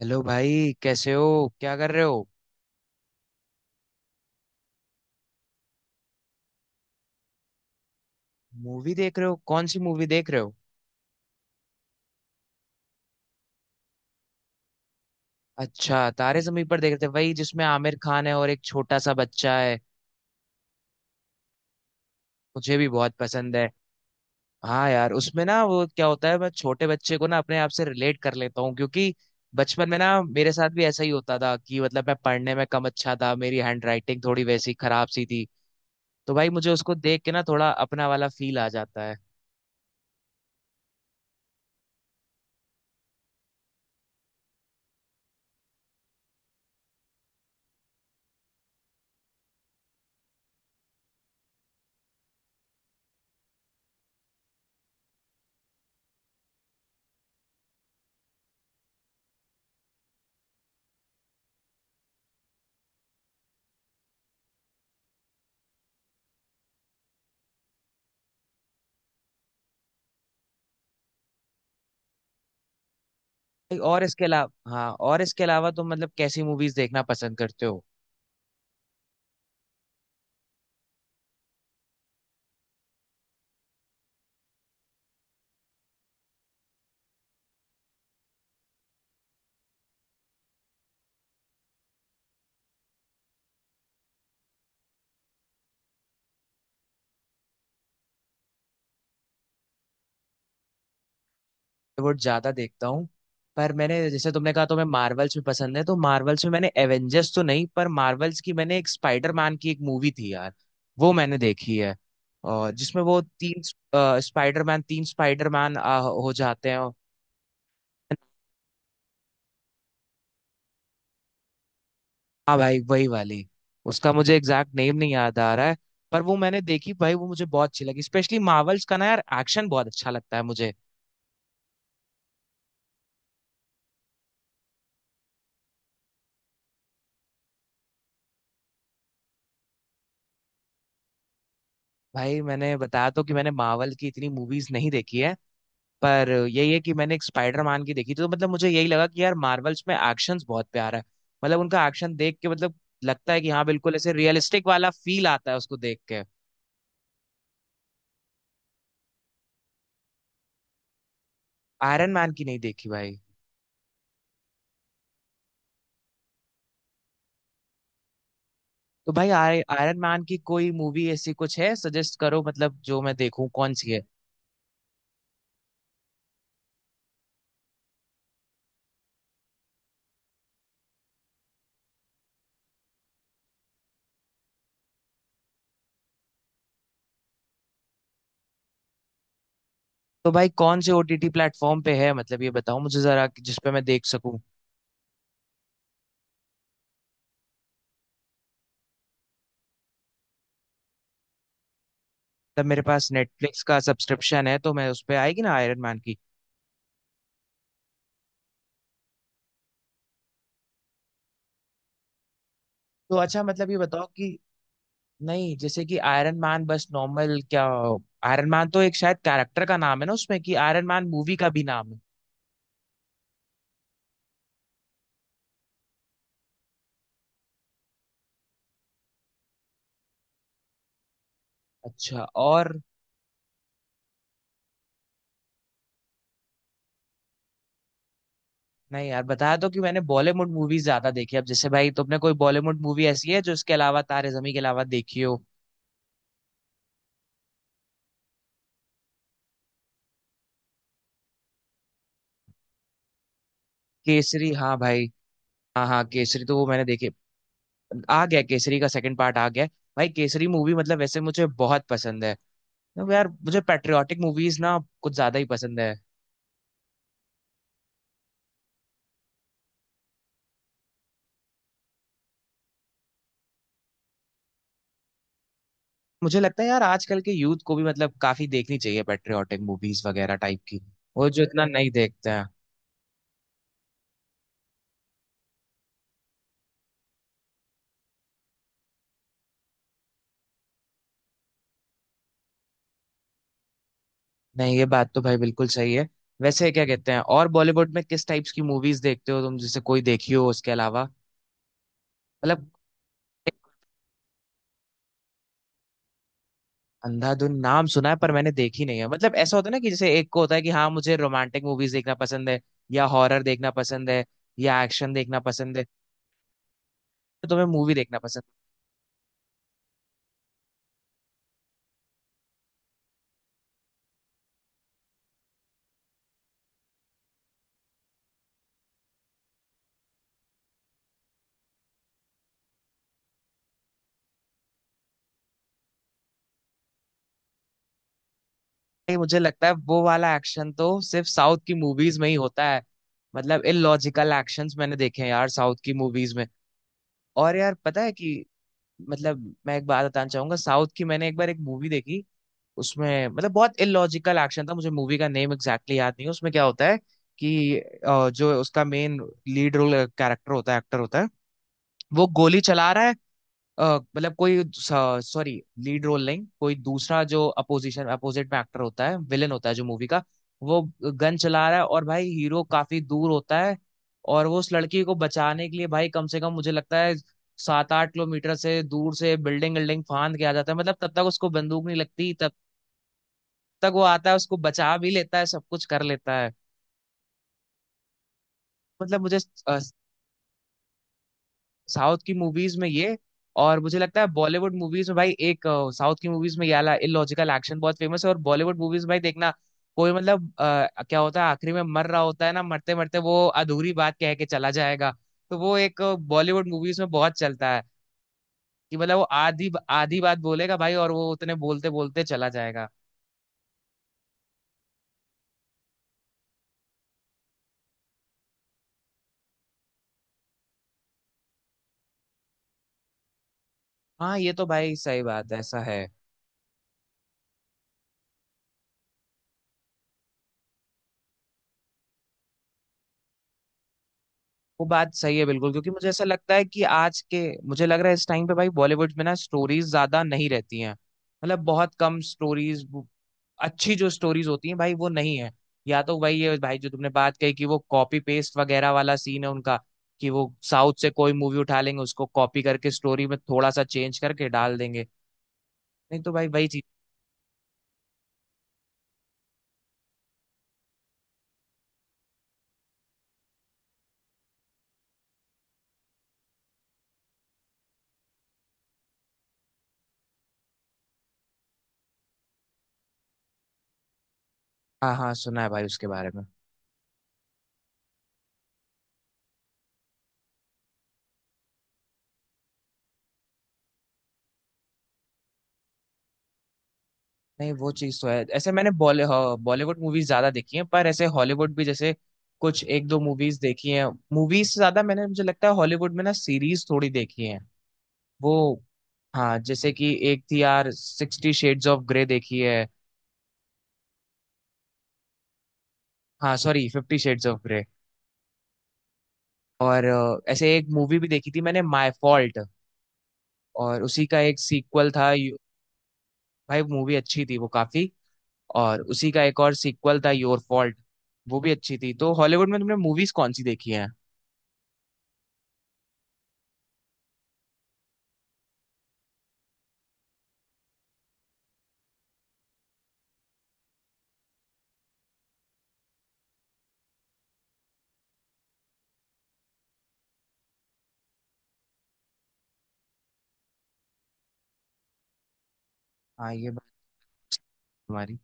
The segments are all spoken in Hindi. हेलो भाई, कैसे हो? क्या कर रहे हो? मूवी देख रहे हो? कौन सी मूवी देख रहे हो? अच्छा, तारे जमीन पर देख रहे थे, वही जिसमें आमिर खान है और एक छोटा सा बच्चा है। मुझे भी बहुत पसंद है। हाँ यार, उसमें ना वो क्या होता है, मैं छोटे बच्चे को ना अपने आप से रिलेट कर लेता हूँ, क्योंकि बचपन में ना मेरे साथ भी ऐसा ही होता था कि मतलब मैं पढ़ने में कम अच्छा था, मेरी हैंड राइटिंग थोड़ी वैसी खराब सी थी। तो भाई, मुझे उसको देख के ना थोड़ा अपना वाला फील आ जाता है। और इसके अलावा तुम मतलब कैसी मूवीज देखना पसंद करते हो? बॉलीवुड ज्यादा देखता हूँ। पर मैंने, जैसे तुमने कहा तुम्हें मार्वल्स भी पसंद है, तो मार्वल्स में मैंने एवेंजर्स तो नहीं, पर मार्वल्स की मैंने एक स्पाइडरमैन की एक मूवी थी यार, वो मैंने देखी है। और जिसमें वो तीन स्पाइडरमैन, तीन स्पाइडरमैन हो जाते हैं। हाँ भाई, वही वाली। उसका मुझे एग्जैक्ट नेम नहीं याद आ रहा है, पर वो मैंने देखी भाई, वो मुझे बहुत अच्छी लगी। स्पेशली मार्वल्स का ना यार, एक्शन बहुत अच्छा लगता है मुझे। भाई मैंने बताया तो कि मैंने मार्वल की इतनी मूवीज नहीं देखी है, पर यही है कि मैंने एक स्पाइडर मैन की देखी थी, तो मतलब मुझे यही लगा कि यार मार्वल्स में एक्शंस बहुत प्यारा है। मतलब उनका एक्शन देख के मतलब लगता है कि हाँ, बिल्कुल ऐसे रियलिस्टिक वाला फील आता है उसको देख के। आयरन मैन की नहीं देखी भाई। तो भाई, आयरन मैन की कोई मूवी ऐसी कुछ है सजेस्ट करो, मतलब जो मैं देखूं कौन सी है। तो भाई, कौन से ओटीटी प्लेटफॉर्म पे है, मतलब ये बताओ मुझे जरा, कि जिस पे मैं देख सकूं। तब मेरे पास नेटफ्लिक्स का सब्सक्रिप्शन है, तो मैं, उस पे आएगी ना आयरन मैन की? तो अच्छा, मतलब ये बताओ कि नहीं, जैसे कि आयरन मैन बस नॉर्मल क्या, आयरन मैन तो एक शायद कैरेक्टर का नाम है ना उसमें, कि आयरन मैन मूवी का भी नाम है? अच्छा, और नहीं यार, बताया तो कि मैंने बॉलीवुड मूवीज ज्यादा देखी है। अब जैसे भाई, तुमने कोई बॉलीवुड मूवी ऐसी है जो इसके अलावा, तारे जमी के अलावा देखी हो? केसरी हाँ भाई, हाँ हाँ, केसरी तो वो मैंने देखी। आ गया, केसरी का सेकंड पार्ट आ गया है। भाई, केसरी मूवी मतलब वैसे मुझे बहुत पसंद है। तो यार, मुझे पेट्रियाटिक मूवीज ना कुछ ज्यादा ही पसंद है। मुझे लगता है यार, आजकल के यूथ को भी मतलब काफी देखनी चाहिए पेट्रियोटिक मूवीज वगैरह टाइप की, वो जो इतना नहीं देखते हैं। नहीं, ये बात तो भाई बिल्कुल सही है। वैसे क्या कहते हैं, और बॉलीवुड में किस टाइप्स की मूवीज देखते हो तुम, जैसे कोई देखी हो उसके अलावा, मतलब? अंधाधुन नाम सुना है पर मैंने देखी नहीं है। मतलब ऐसा होता है ना कि जैसे एक को होता है कि हाँ, मुझे रोमांटिक मूवीज देखना पसंद है, या हॉरर देखना पसंद है, या एक्शन देखना पसंद है, तो तुम्हें मूवी देखना पसंद है? भाई, मुझे लगता है वो वाला एक्शन तो सिर्फ साउथ की मूवीज में ही होता है। मतलब इलॉजिकल एक्शंस मैंने देखे हैं यार, साउथ की मूवीज में। और यार, पता है कि मतलब मैं एक बात बताना चाहूंगा। साउथ की मैंने एक बार एक मूवी देखी, उसमें मतलब बहुत इलॉजिकल एक्शन था। मुझे मूवी का नेम एग्जैक्टली याद नहीं है। उसमें क्या होता है कि जो उसका मेन लीड रोल कैरेक्टर होता है, एक्टर होता है, वो गोली चला रहा है। अ, मतलब कोई, सॉरी, लीड रोल नहीं, कोई दूसरा जो अपोजिशन, अपोजिट में एक्टर होता है, विलेन होता है जो मूवी का, वो गन चला रहा है। और भाई, हीरो काफी दूर होता है, और वो उस लड़की को बचाने के लिए भाई, कम से कम मुझे लगता है 7-8 किलोमीटर से दूर से बिल्डिंग बिल्डिंग फांद के आ जाता है। मतलब तब तक उसको बंदूक नहीं लगती, तब तक वो आता है, उसको बचा भी लेता है, सब कुछ कर लेता है। मतलब मुझे, साउथ की मूवीज में ये, और मुझे लगता है बॉलीवुड मूवीज में भाई साउथ की मूवीज में ये वाला इलॉजिकल एक्शन बहुत फेमस है। और बॉलीवुड मूवीज में भाई देखना, कोई मतलब क्या होता है, आखिरी में मर रहा होता है ना, मरते मरते वो अधूरी बात कह के चला जाएगा। तो वो एक बॉलीवुड मूवीज में बहुत चलता है, कि मतलब वो आधी आधी बात बोलेगा भाई, और वो उतने बोलते बोलते चला जाएगा। हाँ, ये तो भाई सही बात है, ऐसा है। वो बात सही है बिल्कुल, क्योंकि मुझे ऐसा लगता है कि आज के, मुझे लग रहा है इस टाइम पे भाई, बॉलीवुड में ना स्टोरीज ज्यादा नहीं रहती हैं, मतलब बहुत कम स्टोरीज, अच्छी जो स्टोरीज होती हैं भाई वो नहीं है। या तो वही है भाई जो तुमने बात कही, कि वो कॉपी पेस्ट वगैरह वाला सीन है उनका, कि वो साउथ से कोई मूवी उठा लेंगे, उसको कॉपी करके स्टोरी में थोड़ा सा चेंज करके डाल देंगे। नहीं तो भाई, वही चीज। हाँ हाँ, सुना है भाई उसके बारे में। नहीं, वो चीज तो है। ऐसे मैंने बॉलीवुड मूवीज ज्यादा देखी हैं, पर ऐसे हॉलीवुड भी जैसे कुछ एक दो मूवीज देखी हैं। मूवीज से ज्यादा मैंने, मुझे लगता है हॉलीवुड में ना सीरीज थोड़ी देखी हैं वो। हाँ, जैसे कि एक थी यार, 60 शेड्स ऑफ ग्रे देखी है। हाँ सॉरी, 50 शेड्स ऑफ ग्रे। और ऐसे एक मूवी भी देखी थी मैंने, माय फॉल्ट, और उसी का एक सीक्वल था भाई मूवी अच्छी थी वो, काफी। और उसी का एक और सीक्वल था योर फॉल्ट, वो भी अच्छी थी। तो हॉलीवुड में तुमने मूवीज कौन सी देखी हैं? हाँ, ये तुम्हारी,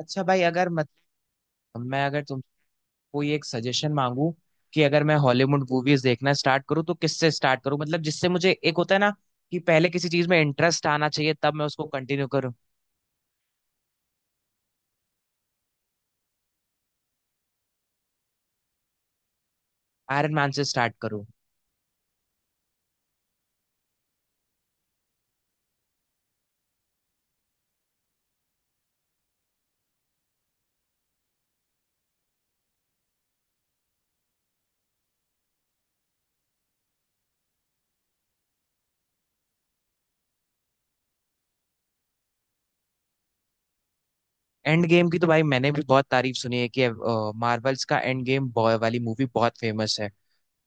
अच्छा भाई, अगर मत मैं अगर तुमसे कोई एक सजेशन मांगू, कि अगर मैं हॉलीवुड मूवीज देखना स्टार्ट करूँ तो किससे स्टार्ट करूँ, मतलब जिससे मुझे, एक होता है ना, कि पहले किसी चीज में इंटरेस्ट आना चाहिए, तब मैं उसको कंटिन्यू करूँ। आयरन मैन से स्टार्ट करूँ? एंड गेम की तो भाई मैंने भी बहुत तारीफ सुनी है, कि मार्वल्स का एंड गेम वाली मूवी बहुत फेमस है।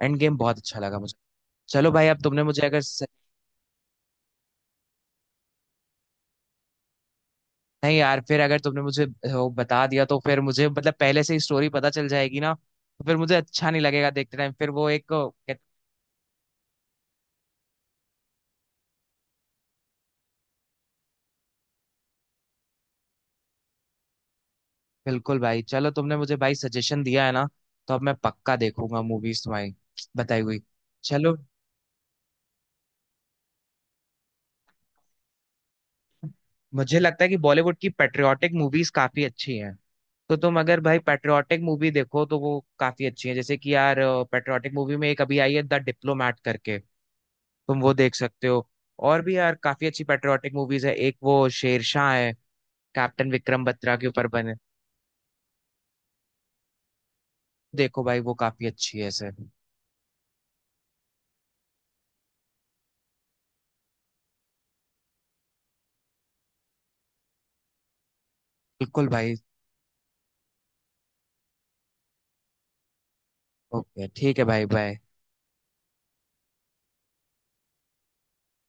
एंड गेम बहुत अच्छा लगा मुझे। चलो भाई, अब तुमने मुझे अगर, नहीं यार, फिर अगर तुमने मुझे वो बता दिया तो फिर मुझे मतलब पहले से ही स्टोरी पता चल जाएगी ना, तो फिर मुझे अच्छा नहीं लगेगा देखते टाइम, फिर वो एक बिल्कुल भाई, चलो तुमने मुझे भाई सजेशन दिया है ना, तो अब मैं पक्का देखूंगा मूवीज तुम्हारी बताई हुई। चलो, मुझे लगता है कि बॉलीवुड की पेट्रियाटिक मूवीज काफी अच्छी हैं, तो तुम अगर भाई पेट्रियाटिक मूवी देखो तो वो काफी अच्छी है। जैसे कि यार, पेट्रियाटिक मूवी में एक अभी आई है, द डिप्लोमैट करके, तुम वो देख सकते हो। और भी यार काफी अच्छी पेट्रियाटिक मूवीज है, एक वो शेरशाह है, कैप्टन विक्रम बत्रा के ऊपर बने। देखो भाई, वो काफी अच्छी है सर। बिल्कुल भाई। ओके, ठीक है भाई, बाय।